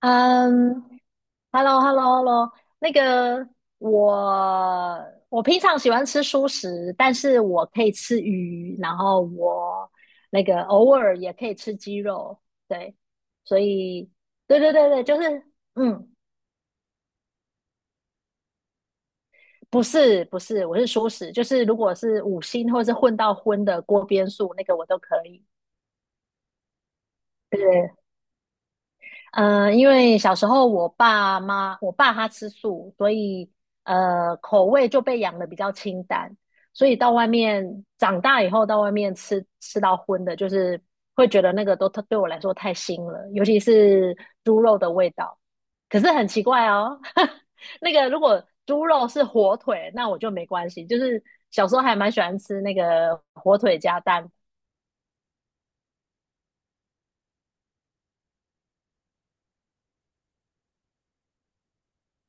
嗯，hello，hello，hello，那个我我平常喜欢吃蔬食，但是我可以吃鱼，然后我那个偶尔也可以吃鸡肉，对，所以对对对对，就是嗯，不是不是，我是蔬食，就是如果是五星或是混到荤的锅边素，那个我都可以，对。因为小时候我爸妈，我爸他吃素，所以口味就被养的比较清淡，所以到外面长大以后到外面吃到荤的，就是会觉得那个都对我来说太腥了，尤其是猪肉的味道。可是很奇怪哦，那个如果猪肉是火腿，那我就没关系，就是小时候还蛮喜欢吃那个火腿加蛋。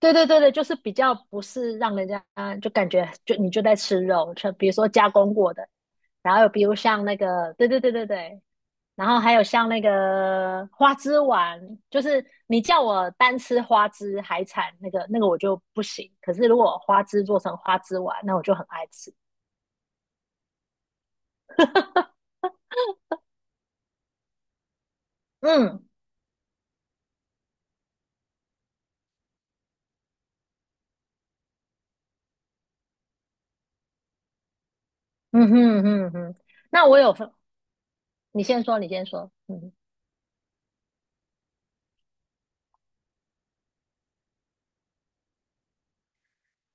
对对对对，就是比较不是让人家就感觉就你就在吃肉，就比如说加工过的，然后有比如像那个，对对对对对，然后还有像那个花枝丸，就是你叫我单吃花枝海产那个那个我就不行，可是如果花枝做成花枝丸，那我就很爱吃。嗯嗯哼嗯哼，那我有分，你先说，你先说，嗯。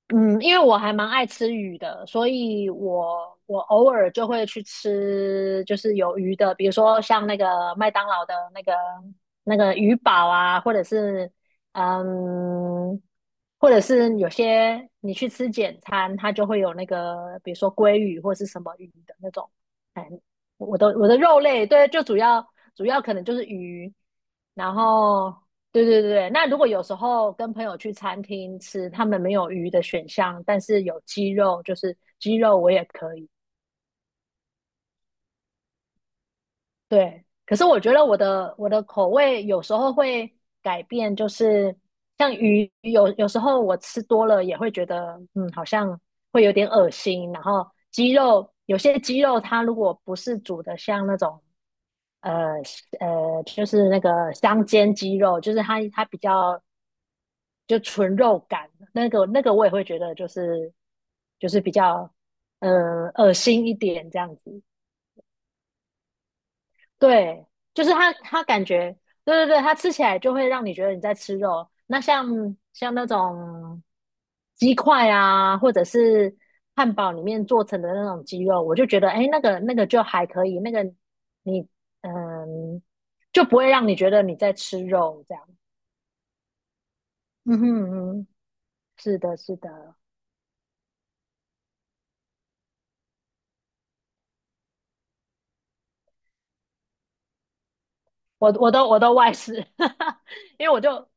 嗯，因为我还蛮爱吃鱼的，所以我偶尔就会去吃，就是有鱼的，比如说像那个麦当劳的那个那个鱼堡啊，嗯，或者是有些你去吃简餐，它就会有那个，比如说鲑鱼或是什么鱼的那种，哎，我的肉类，对，就主要可能就是鱼，然后对对对对，那如果有时候跟朋友去餐厅吃，他们没有鱼的选项，但是有鸡肉，就是鸡肉我也可以。对，可是我觉得我的口味有时候会改变，就是像鱼，有时候我吃多了也会觉得，嗯，好像会有点恶心。然后鸡肉，有些鸡肉它如果不是煮的像那种，呃就是那个香煎鸡肉，就是它比较就纯肉感，那个那个我也会觉得就是比较恶心一点这样子。对，就是他感觉，对对对，他吃起来就会让你觉得你在吃肉。那像那种鸡块啊，或者是汉堡里面做成的那种鸡肉，我就觉得，哎，那个那个就还可以，那个你嗯，就不会让你觉得你在吃肉这样。嗯哼嗯哼，是的，是的，我都外食，因为我就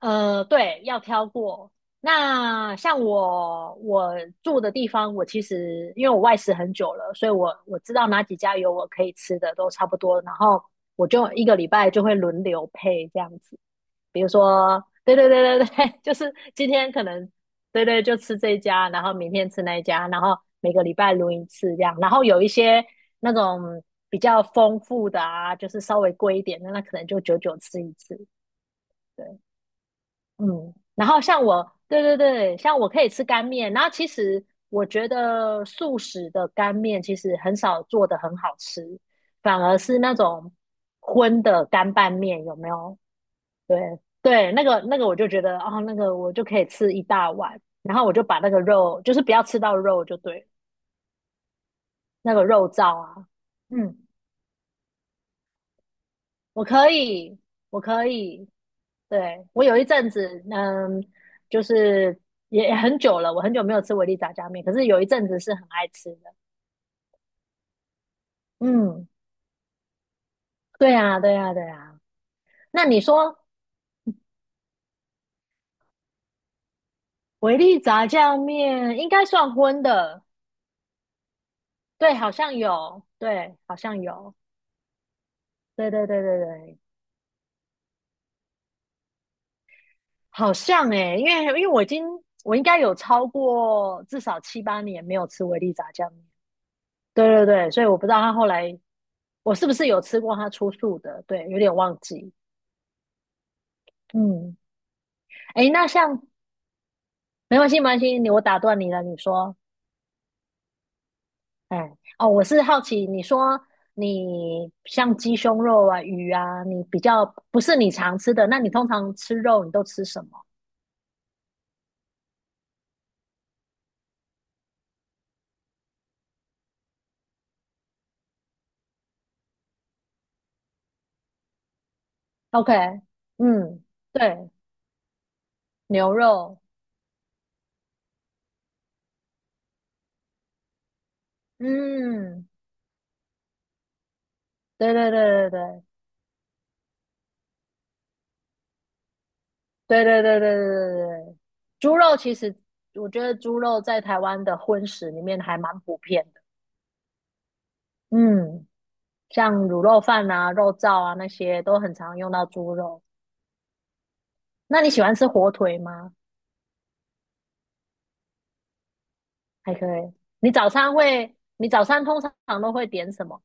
对，要挑过。那像我住的地方，我其实因为我外食很久了，所以我知道哪几家有我可以吃的都差不多，然后我就一个礼拜就会轮流配这样子。比如说，对对对对对，就是今天可能对对就吃这一家，然后明天吃那一家，然后每个礼拜轮一次这样。然后有一些那种比较丰富的啊，就是稍微贵一点的，那可能就久久吃一次。对。嗯，然后像我，对对对，像我可以吃干面，然后其实我觉得素食的干面其实很少做的很好吃，反而是那种荤的干拌面，有没有？对对，那个那个我就觉得，哦，那个我就可以吃一大碗，然后我就把那个肉，就是不要吃到肉就对了，那个肉燥啊。嗯，我可以，我可以，对，我有一阵子，就是也很久了，我很久没有吃维力炸酱面，可是有一阵子是很爱吃的。嗯，对呀，对呀，对呀。那你说维力炸酱面应该算荤的？对，好像有，对，好像有，对对对对对，好像诶、因为我已经我应该有超过至少7、8年没有吃维力炸酱面。对对对，所以我不知道他后来我是不是有吃过他出素的，对，有点忘记。嗯。哎，没关系，没关系，你我打断你了，你说，哎，哦，我是好奇，你说你像鸡胸肉啊、鱼啊，你比较不是你常吃的，那你通常吃肉你都吃什么？OK，嗯，对，牛肉，嗯，对对对对对对对对对对对对，猪肉其实我觉得猪肉在台湾的荤食里面还蛮普遍的，嗯，像卤肉饭啊、肉燥啊那些都很常用到猪肉。那你喜欢吃火腿吗？还可以。你早餐通常都会点什么？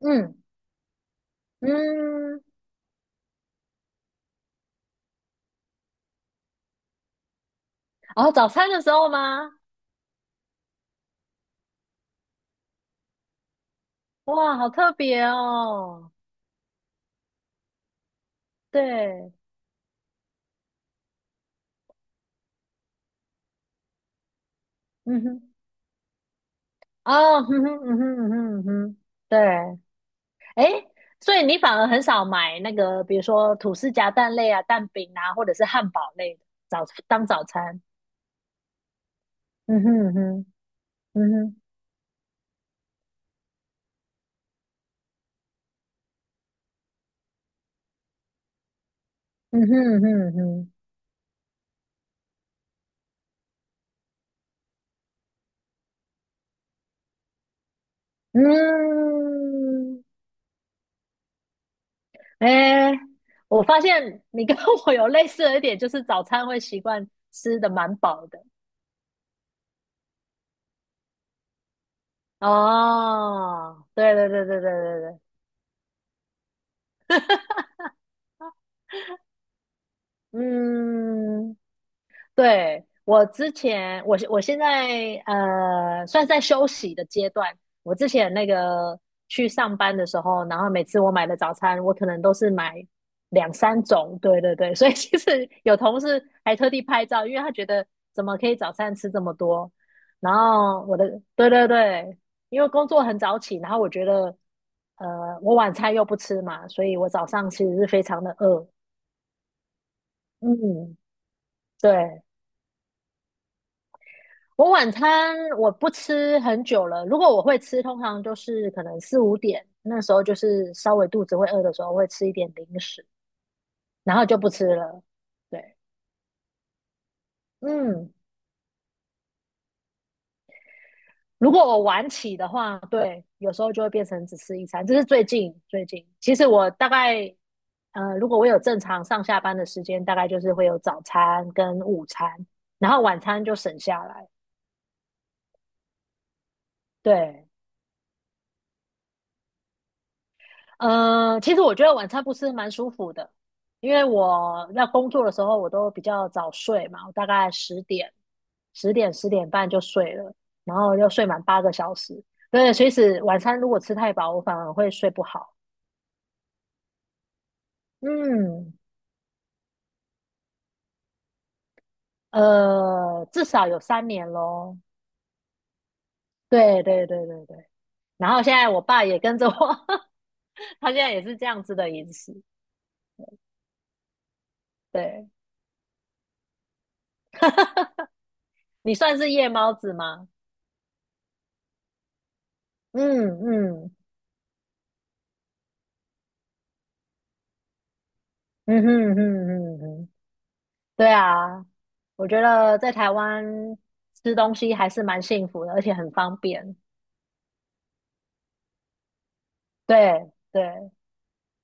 嗯嗯，哦，早餐的时候吗？哇，好特别哦。对，嗯哼，哦，嗯哼，嗯哼，嗯哼，嗯哼，对。诶，所以你反而很少买那个，比如说吐司夹蛋类啊、蛋饼啊，或者是汉堡类的早当早餐。嗯哼嗯哼，嗯哼，嗯哼嗯哼嗯哼，嗯。哎，我发现你跟我有类似的一点，就是早餐会习惯吃的蛮饱的。哦，对对对对对对对，嗯，对，我之前，我我现在算是在休息的阶段。我之前那个去上班的时候，然后每次我买的早餐，我可能都是买两三种。对对对，所以其实有同事还特地拍照，因为他觉得怎么可以早餐吃这么多。然后对对对，因为工作很早起，然后我觉得我晚餐又不吃嘛，所以我早上其实是非常的饿。嗯，对，我晚餐我不吃很久了，如果我会吃，通常就是可能4、5点，那时候就是稍微肚子会饿的时候会吃一点零食，然后就不吃了。对，嗯，如果我晚起的话，对，有时候就会变成只吃一餐。这是最近最近，其实我大概如果我有正常上下班的时间，大概就是会有早餐跟午餐，然后晚餐就省下来。对，其实我觉得晚餐不吃蛮舒服的，因为我要工作的时候，我都比较早睡嘛，我大概十点、十点、10点半就睡了，然后又睡满8个小时。对，所以是晚餐如果吃太饱，我反而会睡不好。嗯，至少有3年咯。对对对对对。然后现在我爸也跟着我，他现在也是这样子的饮食。对，你算是夜猫子吗？嗯嗯嗯哼嗯哼嗯哼。对啊，我觉得在台湾吃东西还是蛮幸福的，而且很方便。对对，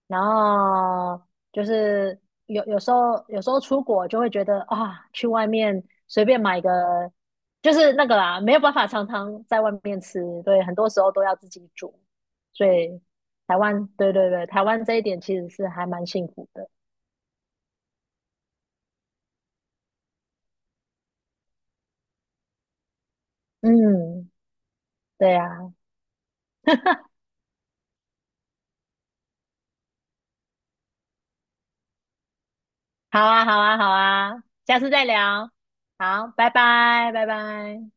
然后就是有时候出国就会觉得啊，去外面随便买个，就是那个啦，没有办法常常在外面吃，对，很多时候都要自己煮。所以台湾，对对对，台湾这一点其实是还蛮幸福的。嗯，对啊。好啊，好啊，好啊，下次再聊。好，拜拜，拜拜。